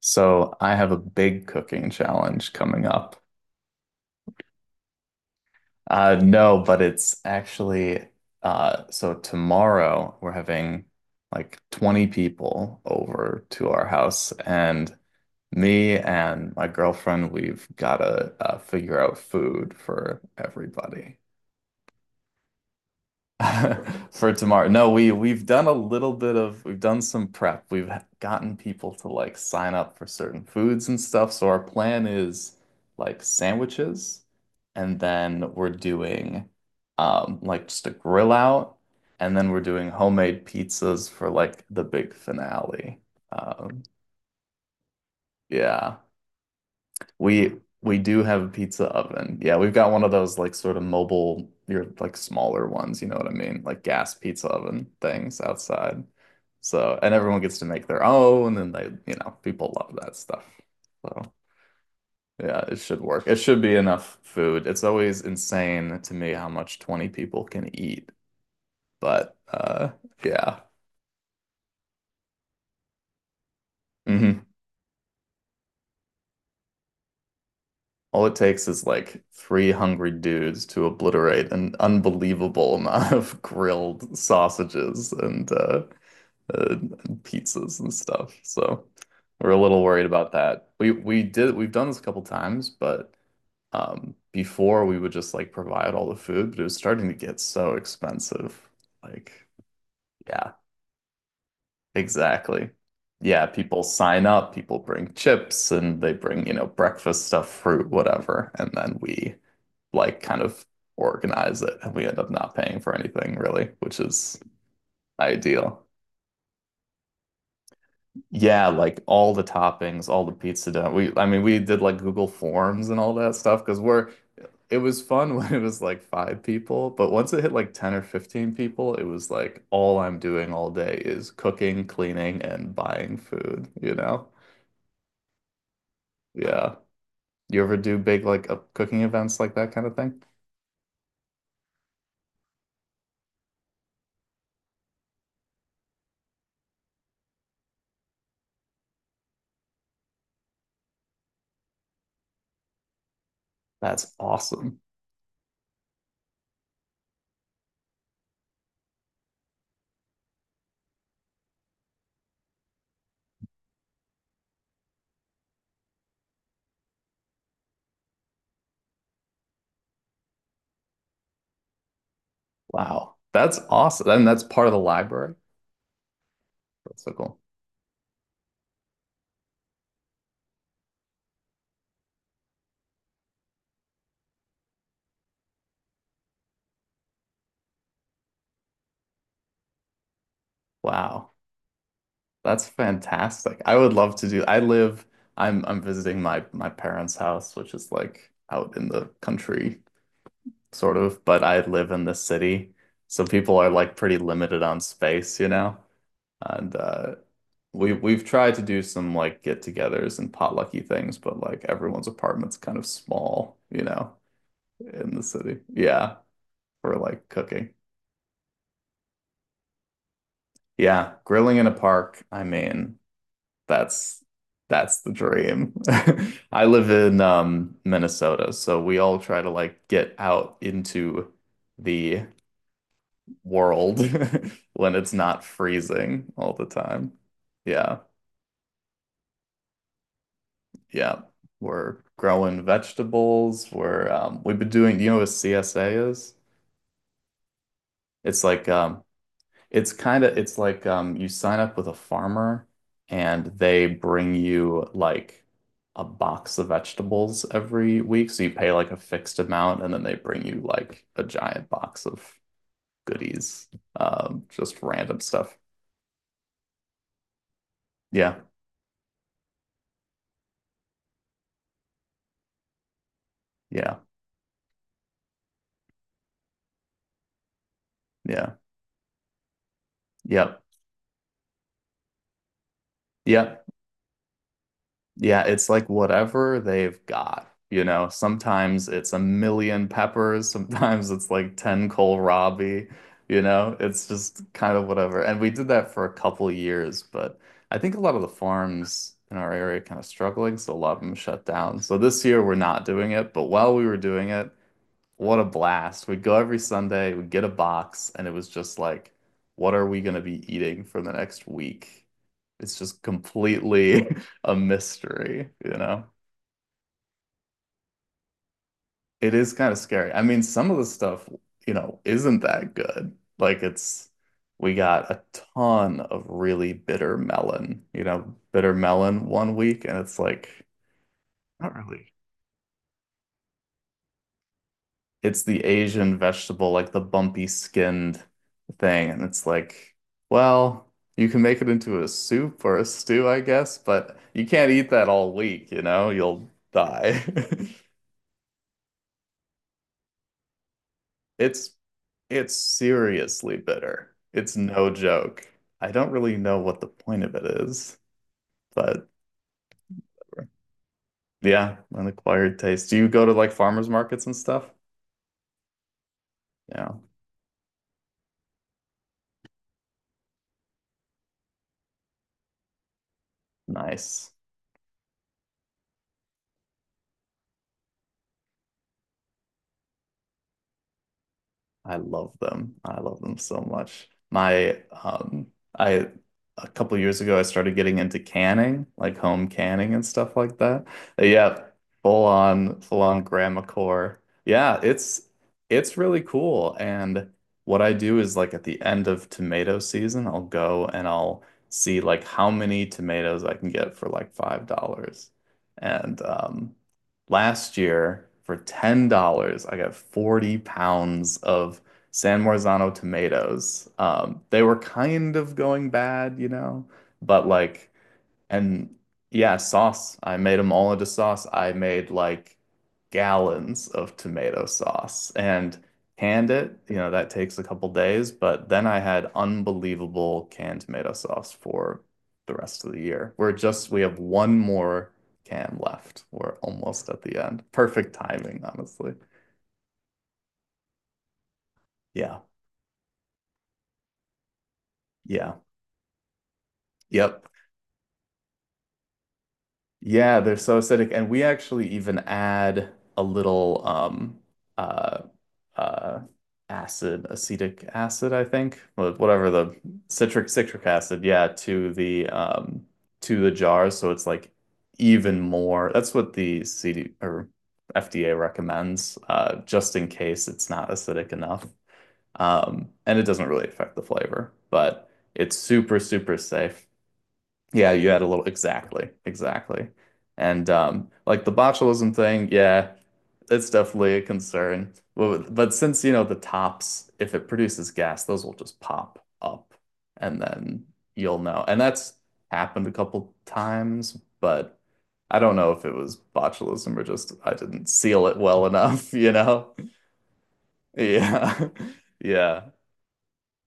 So I have a big cooking challenge coming up. No, but it's actually so tomorrow we're having like 20 people over to our house, and me and my girlfriend, we've gotta figure out food for everybody. For tomorrow. No, we've done a little bit of we've done some prep. We've gotten people to like sign up for certain foods and stuff. So our plan is like sandwiches, and then we're doing like just a grill out, and then we're doing homemade pizzas for like the big finale. Um yeah. We do have a pizza oven. Yeah, we've got one of those like sort of mobile, your like smaller ones, you know what I mean? Like gas pizza oven things outside. So, and everyone gets to make their own, and they, you know, people love that stuff. So, yeah, it should work. It should be enough food. It's always insane to me how much 20 people can eat, but yeah. Mhm. All it takes is like three hungry dudes to obliterate an unbelievable amount of grilled sausages and uh, pizzas and stuff. So we're a little worried about that. We did we've done this a couple times, but before, we would just like provide all the food, but it was starting to get so expensive. Like, yeah, exactly. Yeah, people sign up, people bring chips and they bring, you know, breakfast stuff, fruit, whatever, and then we like kind of organize it and we end up not paying for anything really, which is ideal. Yeah, like all the toppings, all the pizza dough. We I mean we did like Google Forms and all that stuff because we're, it was fun when it was like five people, but once it hit like 10 or 15 people, it was like all I'm doing all day is cooking, cleaning, and buying food, you know? Yeah. You ever do big like cooking events like that kind of thing? That's awesome. Wow. That's awesome. And that's part of the library. That's so cool. Wow. That's fantastic. I would love to do. I live I'm visiting my parents' house, which is like out in the country sort of, but I live in the city. So people are like pretty limited on space, you know? And we've tried to do some like get-togethers and potlucky things, but like everyone's apartment's kind of small, you know, in the city. Yeah, for like cooking. Yeah, grilling in a park, I mean That's that's the dream. I live in Minnesota, so we all try to like get out into the world when it's not freezing all the time. Yeah. Yeah. We're growing vegetables. We've been doing, do you know what CSA is? It's like it's kind of it's like you sign up with a farmer and they bring you like a box of vegetables every week. So you pay like a fixed amount and then they bring you like a giant box of goodies, just random stuff. Yeah, yeah, yeah, yep, yep. Yeah, it's like whatever they've got. You know, sometimes it's a million peppers, sometimes it's like 10 kohlrabi, you know, it's just kind of whatever. And we did that for a couple years, but I think a lot of the farms in our area are kind of struggling, so a lot of them shut down. So this year we're not doing it, but while we were doing it, what a blast. We'd go every Sunday, we'd get a box, and it was just like, what are we going to be eating for the next week? It's just completely a mystery, you know? It is kind of scary. I mean, some of the stuff, you know, isn't that good. Like we got a ton of really bitter melon, you know, bitter melon 1 week, and it's like, not really it's the Asian vegetable, like the bumpy skinned thing. And it's like, well, you can make it into a soup or a stew, I guess, but you can't eat that all week, you know? You'll die. It's it's seriously bitter. It's no joke. I don't really know what the point of it is, but yeah, an acquired taste. Do you go to like farmers markets and stuff? Yeah, nice. I love them. I love them so much. My I a couple years ago I started getting into canning, like home canning and stuff like that. But yeah, full on Grammacore. Yeah, it's really cool. And what I do is like at the end of tomato season, I'll go and I'll see like how many tomatoes I can get for like $5. And last year for $10, I got 40 pounds of San Marzano tomatoes. They were kind of going bad, you know, but like and yeah, sauce. I made them all into sauce. I made like gallons of tomato sauce and canned it. You know, that takes a couple days, but then I had unbelievable canned tomato sauce for the rest of the year. We have one more can left. We're almost at the end. Perfect timing, honestly. Yeah. Yeah. Yep. Yeah, they're so acidic, and we actually even add a little uh uh acetic acid, I think, whatever the citric acid, yeah, to the jars, so it's like even more. That's what the CD or FDA recommends, just in case it's not acidic enough. And it doesn't really affect the flavor, but it's super, super safe. Yeah, you had a little exactly, exactly. And like the botulism thing, yeah, it's definitely a concern. But since you know the tops, if it produces gas, those will just pop up and then you'll know. And that's happened a couple times, but I don't know if it was botulism or just I didn't seal it well enough, you know? Yeah. Yeah.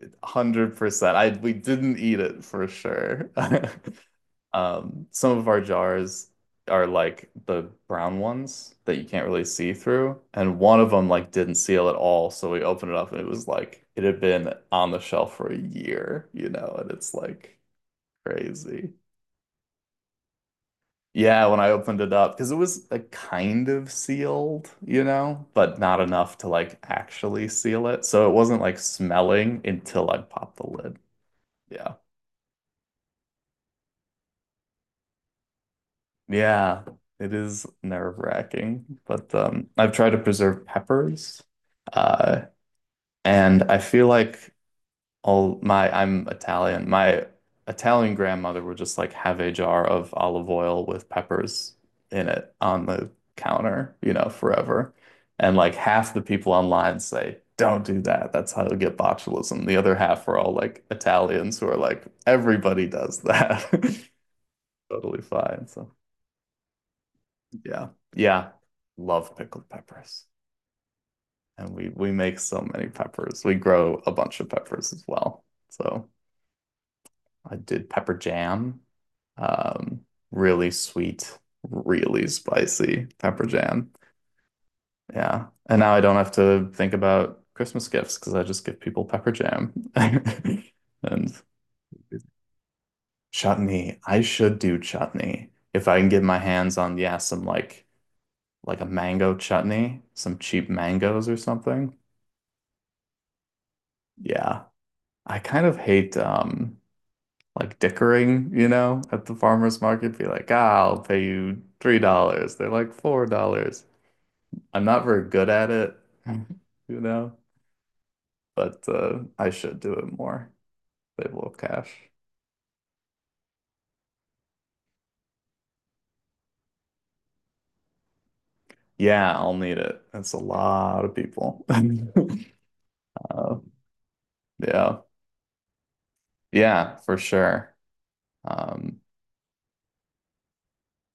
100%. I we didn't eat it for sure. Some of our jars are like the brown ones that you can't really see through, and one of them like didn't seal at all. So we opened it up, and it was like it had been on the shelf for a year, you know, and it's like crazy. Yeah, when I opened it up, because it was a kind of sealed, you know, but not enough to like actually seal it. So it wasn't like smelling until I popped the lid. Yeah. Yeah, it is nerve-wracking, but I've tried to preserve peppers, uh, and I feel like all my I'm Italian. My Italian grandmother would just like have a jar of olive oil with peppers in it on the counter, you know, forever. And like half the people online say, "Don't do that. That's how you get botulism." The other half are all like Italians who are like, "Everybody does that." Totally fine. So. Yeah. Yeah. Love pickled peppers. And we make so many peppers. We grow a bunch of peppers as well. So I did pepper jam. Um, really sweet, really spicy pepper jam. Yeah. And now I don't have to think about Christmas gifts because I just give people pepper jam. And chutney. I should do chutney. If I can get my hands on, yeah, some like a mango chutney, some cheap mangoes or something. Yeah. I kind of hate like dickering, you know, at the farmer's market. Be like, ah, I'll pay you $3. They're like $4. I'm not very good at it, you know, but I should do it more. They love cash. Yeah, I'll need it. That's a lot of people. Uh, yeah. Yeah, for sure. Um